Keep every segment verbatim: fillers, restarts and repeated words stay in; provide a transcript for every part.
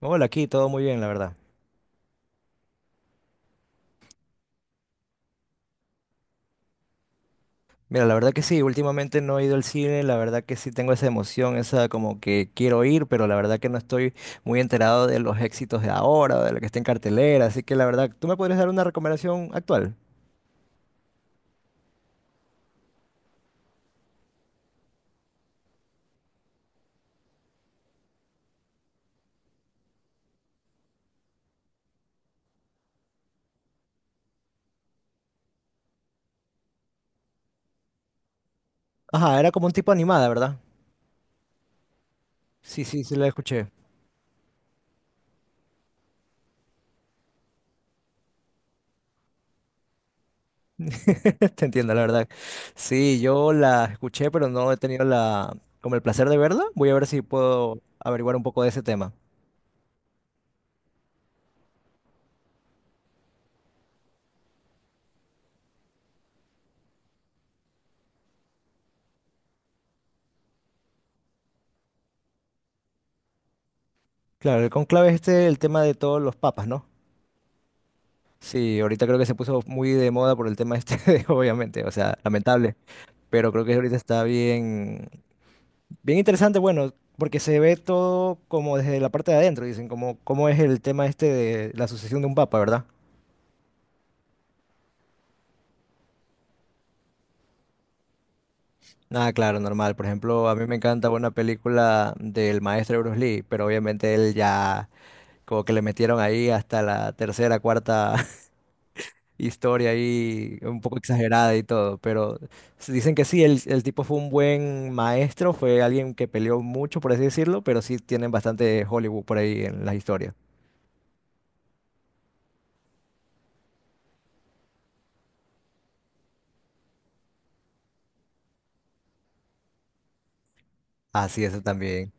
Hola, aquí todo muy bien, la verdad. Mira, la verdad que sí, últimamente no he ido al cine, la verdad que sí tengo esa emoción, esa como que quiero ir, pero la verdad que no estoy muy enterado de los éxitos de ahora, de lo que está en cartelera, así que la verdad, ¿tú me podrías dar una recomendación actual? Ajá, era como un tipo animada, ¿verdad? Sí, sí, sí la escuché. Te entiendo, la verdad. Sí, yo la escuché, pero no he tenido la como el placer de verla. Voy a ver si puedo averiguar un poco de ese tema. Claro, el conclave es este, el tema de todos los papas, ¿no? Sí, ahorita creo que se puso muy de moda por el tema este, de- obviamente, o sea, lamentable, pero creo que ahorita está bien, bien interesante, bueno, porque se ve todo como desde la parte de adentro, dicen, como cómo es el tema este de la sucesión de un papa, ¿verdad? Ah, claro, normal. Por ejemplo, a mí me encanta una película del maestro Bruce Lee, pero obviamente él ya como que le metieron ahí hasta la tercera, cuarta historia ahí un poco exagerada y todo, pero s- dicen que sí, el, el tipo fue un buen maestro, fue alguien que peleó mucho, por así decirlo, pero sí tienen bastante Hollywood por ahí en las historias. Así eso también.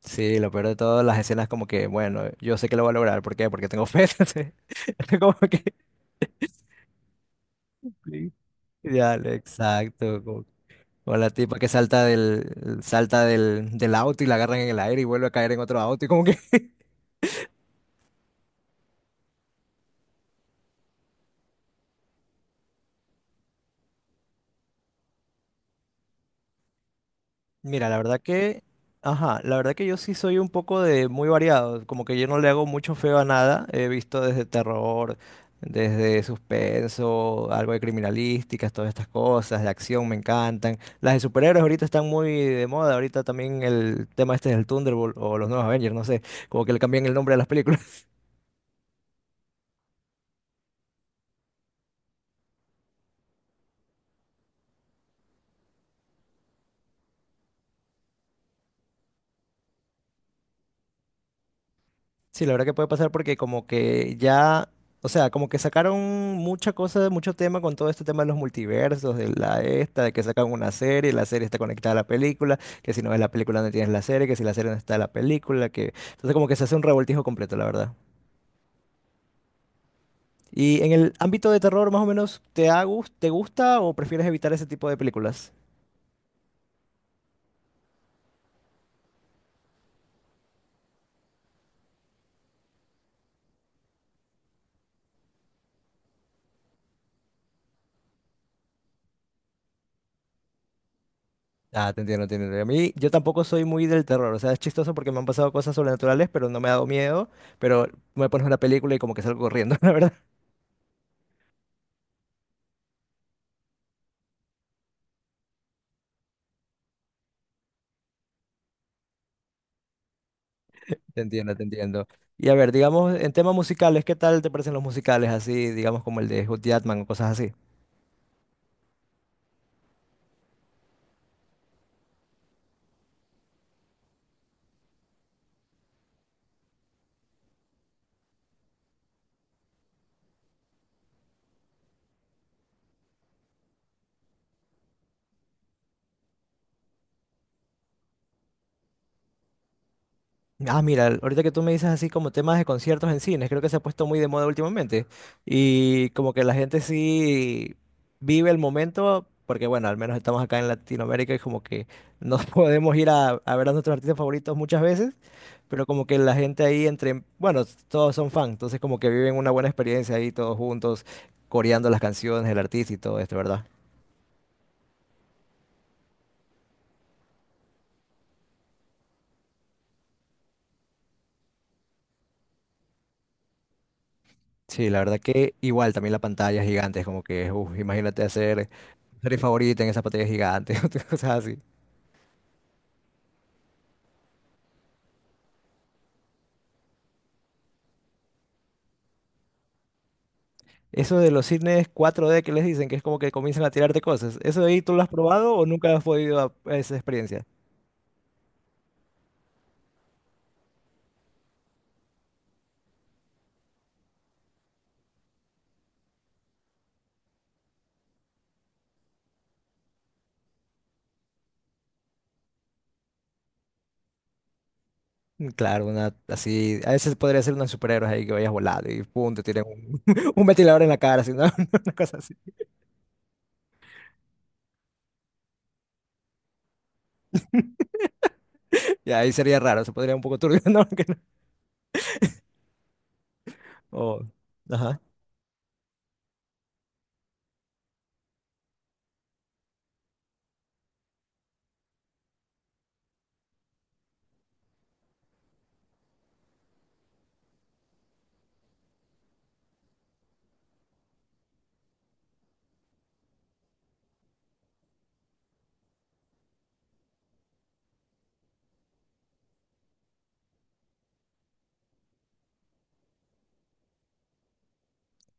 Sí, lo peor de todo, las escenas como que, bueno, yo sé que lo voy a lograr, ¿por qué? Porque tengo fe. Entonces... Como que... Sí. Ya, le- exacto. como- O la tipa que salta del, salta del, del auto y la agarran en el aire y vuelve a caer en otro auto y como que... Mira, la verdad que, ajá, la verdad que yo sí soy un poco de muy variado, como que yo no le hago mucho feo a nada, he visto desde terror, desde suspenso, algo de criminalísticas, todas estas cosas, de acción me encantan. Las de superhéroes ahorita están muy de moda, ahorita también el tema este del Thunderbolt o los nuevos Avengers, no sé, como que le cambian el nombre a las películas. Sí, la verdad que puede pasar porque como que ya, o sea, como que sacaron mucha cosa, mucho tema con todo este tema de los multiversos, de la esta, de que sacan una serie, la serie está conectada a la película, que si no ves la película no tienes la serie, que si la serie no está en la película, que entonces como que se hace un revoltijo completo, la verdad. Y en el ámbito de terror, más o menos, ¿te ha gus- te gusta o prefieres evitar ese tipo de películas? Ah, te entiendo, te entiendo. A mí, yo tampoco soy muy del terror, o sea, es chistoso porque me han pasado cosas sobrenaturales, pero no me ha dado miedo, pero me pones una película y como que salgo corriendo, la verdad. Te entiendo, te entiendo. Y a ver, digamos, en temas musicales, ¿qué tal te parecen los musicales así, digamos, como el de Hugh Jackman o cosas así? Ah, mira, ahorita que tú me dices así como temas de conciertos en cines, creo que se ha puesto muy de moda últimamente. Y como que la gente sí vive el momento, porque bueno, al menos estamos acá en Latinoamérica y como que no podemos ir a, a ver a nuestros artistas favoritos muchas veces, pero como que la gente ahí entre, bueno, todos son fans, entonces como que viven una buena experiencia ahí todos juntos, coreando las canciones, el artista y todo esto, ¿verdad? Sí, la verdad que igual también la pantalla es gigante, es como que, uf, imagínate hacer tu serie favorita en esa pantalla gigante, cosas así. Eso de los cines cuatro D que les dicen, que es como que comienzan a tirarte cosas, ¿eso de ahí tú lo has probado o nunca has podido a a esa experiencia? Mm, Claro, una así, a veces podría ser unos superhéroes ahí que vayas volando y pum, te tiran un, un ventilador en la cara, así, ¿no? Una cosa así. Y ahí sería raro, se podría un poco turbio, ¿no? Que no. O- ajá.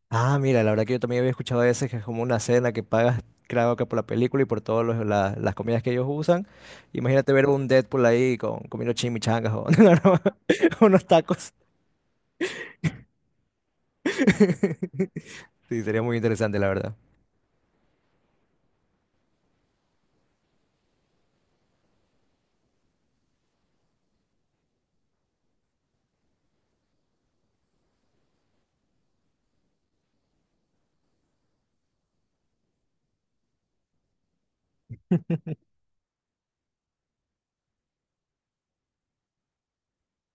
Ah, mira, la verdad que yo también había escuchado a veces que es como una cena que pagas, creo que por la película y por todas las comidas que ellos usan. Imagínate ver un Deadpool ahí con, comiendo chimichangas o no, no, unos tacos. Sí, sería muy interesante, la verdad.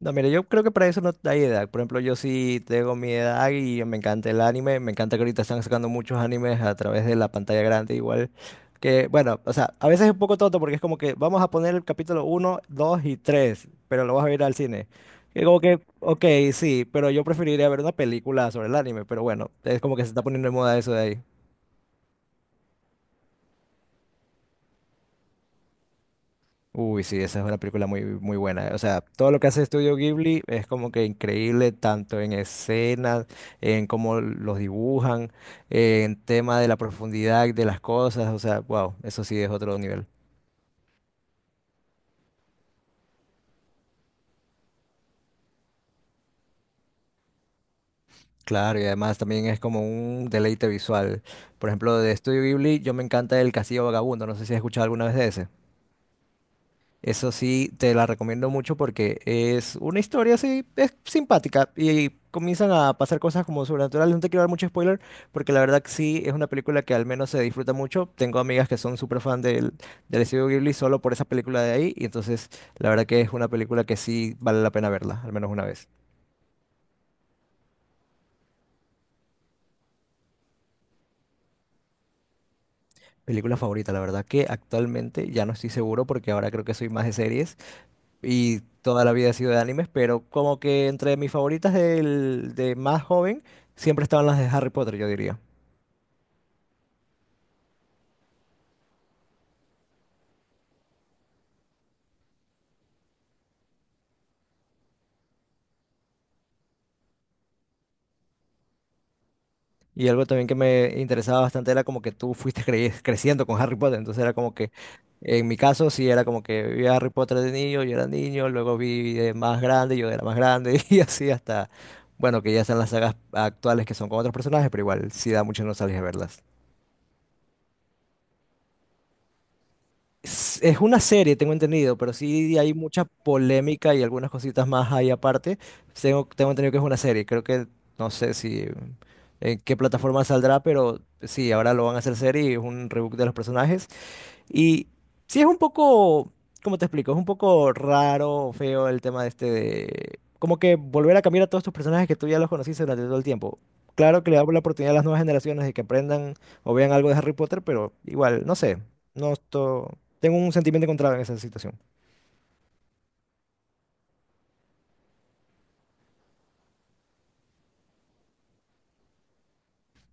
No, mire, yo creo que para eso no hay edad. Por ejemplo, yo sí tengo mi edad y me encanta el anime. Me encanta que ahorita están sacando muchos animes a través de la pantalla grande, igual que, bueno, o sea, a veces es un poco tonto porque es como que vamos a poner el capítulo uno, dos y tres, pero lo vas a ver al cine. Y como que, ok, sí, pero yo preferiría ver una película sobre el anime, pero bueno, es como que se está poniendo de moda eso de ahí. Uy, sí, esa es una película muy, muy buena. O sea, todo lo que hace Estudio Ghibli es como que increíble, tanto en escenas, en cómo los dibujan, en tema de la profundidad de las cosas. O sea, wow, eso sí es otro nivel. Claro, y además también es como un deleite visual. Por ejemplo, de Estudio Ghibli, yo me encanta el Castillo Vagabundo. No sé si has escuchado alguna vez de ese. Eso sí, te la recomiendo mucho porque es una historia así, es simpática y comienzan a pasar cosas como sobrenaturales. No te quiero dar mucho spoiler porque la verdad que sí, es una película que al menos se disfruta mucho. Tengo amigas que son súper fan del, del estudio Ghibli solo por esa película de ahí y entonces la verdad que es una película que sí vale la pena verla, al menos una vez. Película favorita, la verdad que actualmente ya no estoy seguro porque ahora creo que soy más de series, y toda la vida he sido de animes, pero como que entre mis favoritas del- de más joven siempre estaban las de Harry Potter, yo diría. Y algo también que me interesaba bastante era como que tú fuiste cre- creciendo con Harry Potter, entonces era como que, en mi caso sí era como que vi a Harry Potter de niño, yo era niño, luego vi de más grande, yo era más grande, y así hasta, bueno, que ya están las sagas actuales que son con otros personajes, pero igual sí da mucha nostalgia verlas. Es es una serie, tengo entendido, pero sí hay mucha polémica y algunas cositas más ahí aparte. Tengo, tengo entendido que es una serie. Creo que no sé si eh, en qué plataforma saldrá, pero sí, ahora lo van a hacer serie y es un reboot de los personajes. Y sí es un poco, ¿cómo te explico? Es un poco raro, feo el tema de este de... Como que volver a cambiar a todos tus personajes que tú ya los conociste durante todo el tiempo. Claro que le damos la oportunidad a las nuevas generaciones de que aprendan o vean algo de Harry Potter, pero igual, no sé. No esto... Tengo un sentimiento encontrado en esa situación.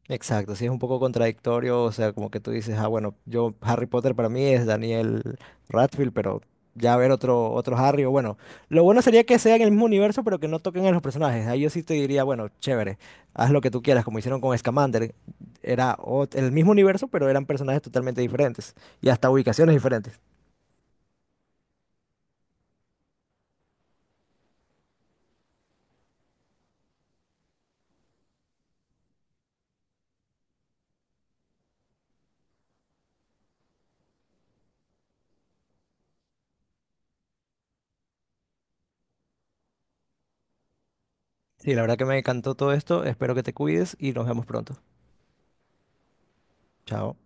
Exacto, sí es un poco contradictorio, o sea, como que tú dices, ah, bueno, yo Harry Potter para mí es Daniel Radcliffe, pero ya ver otro otro Harry, o bueno, lo bueno sería que sea en el mismo universo, pero que no toquen a los personajes. Ahí yo sí te diría, bueno, chévere, haz lo que tú quieras, como hicieron con Scamander. Era ot- el mismo universo, pero eran personajes totalmente diferentes y hasta ubicaciones diferentes. Sí, la verdad que me encantó todo esto, espero que te cuides y nos vemos pronto. Chao.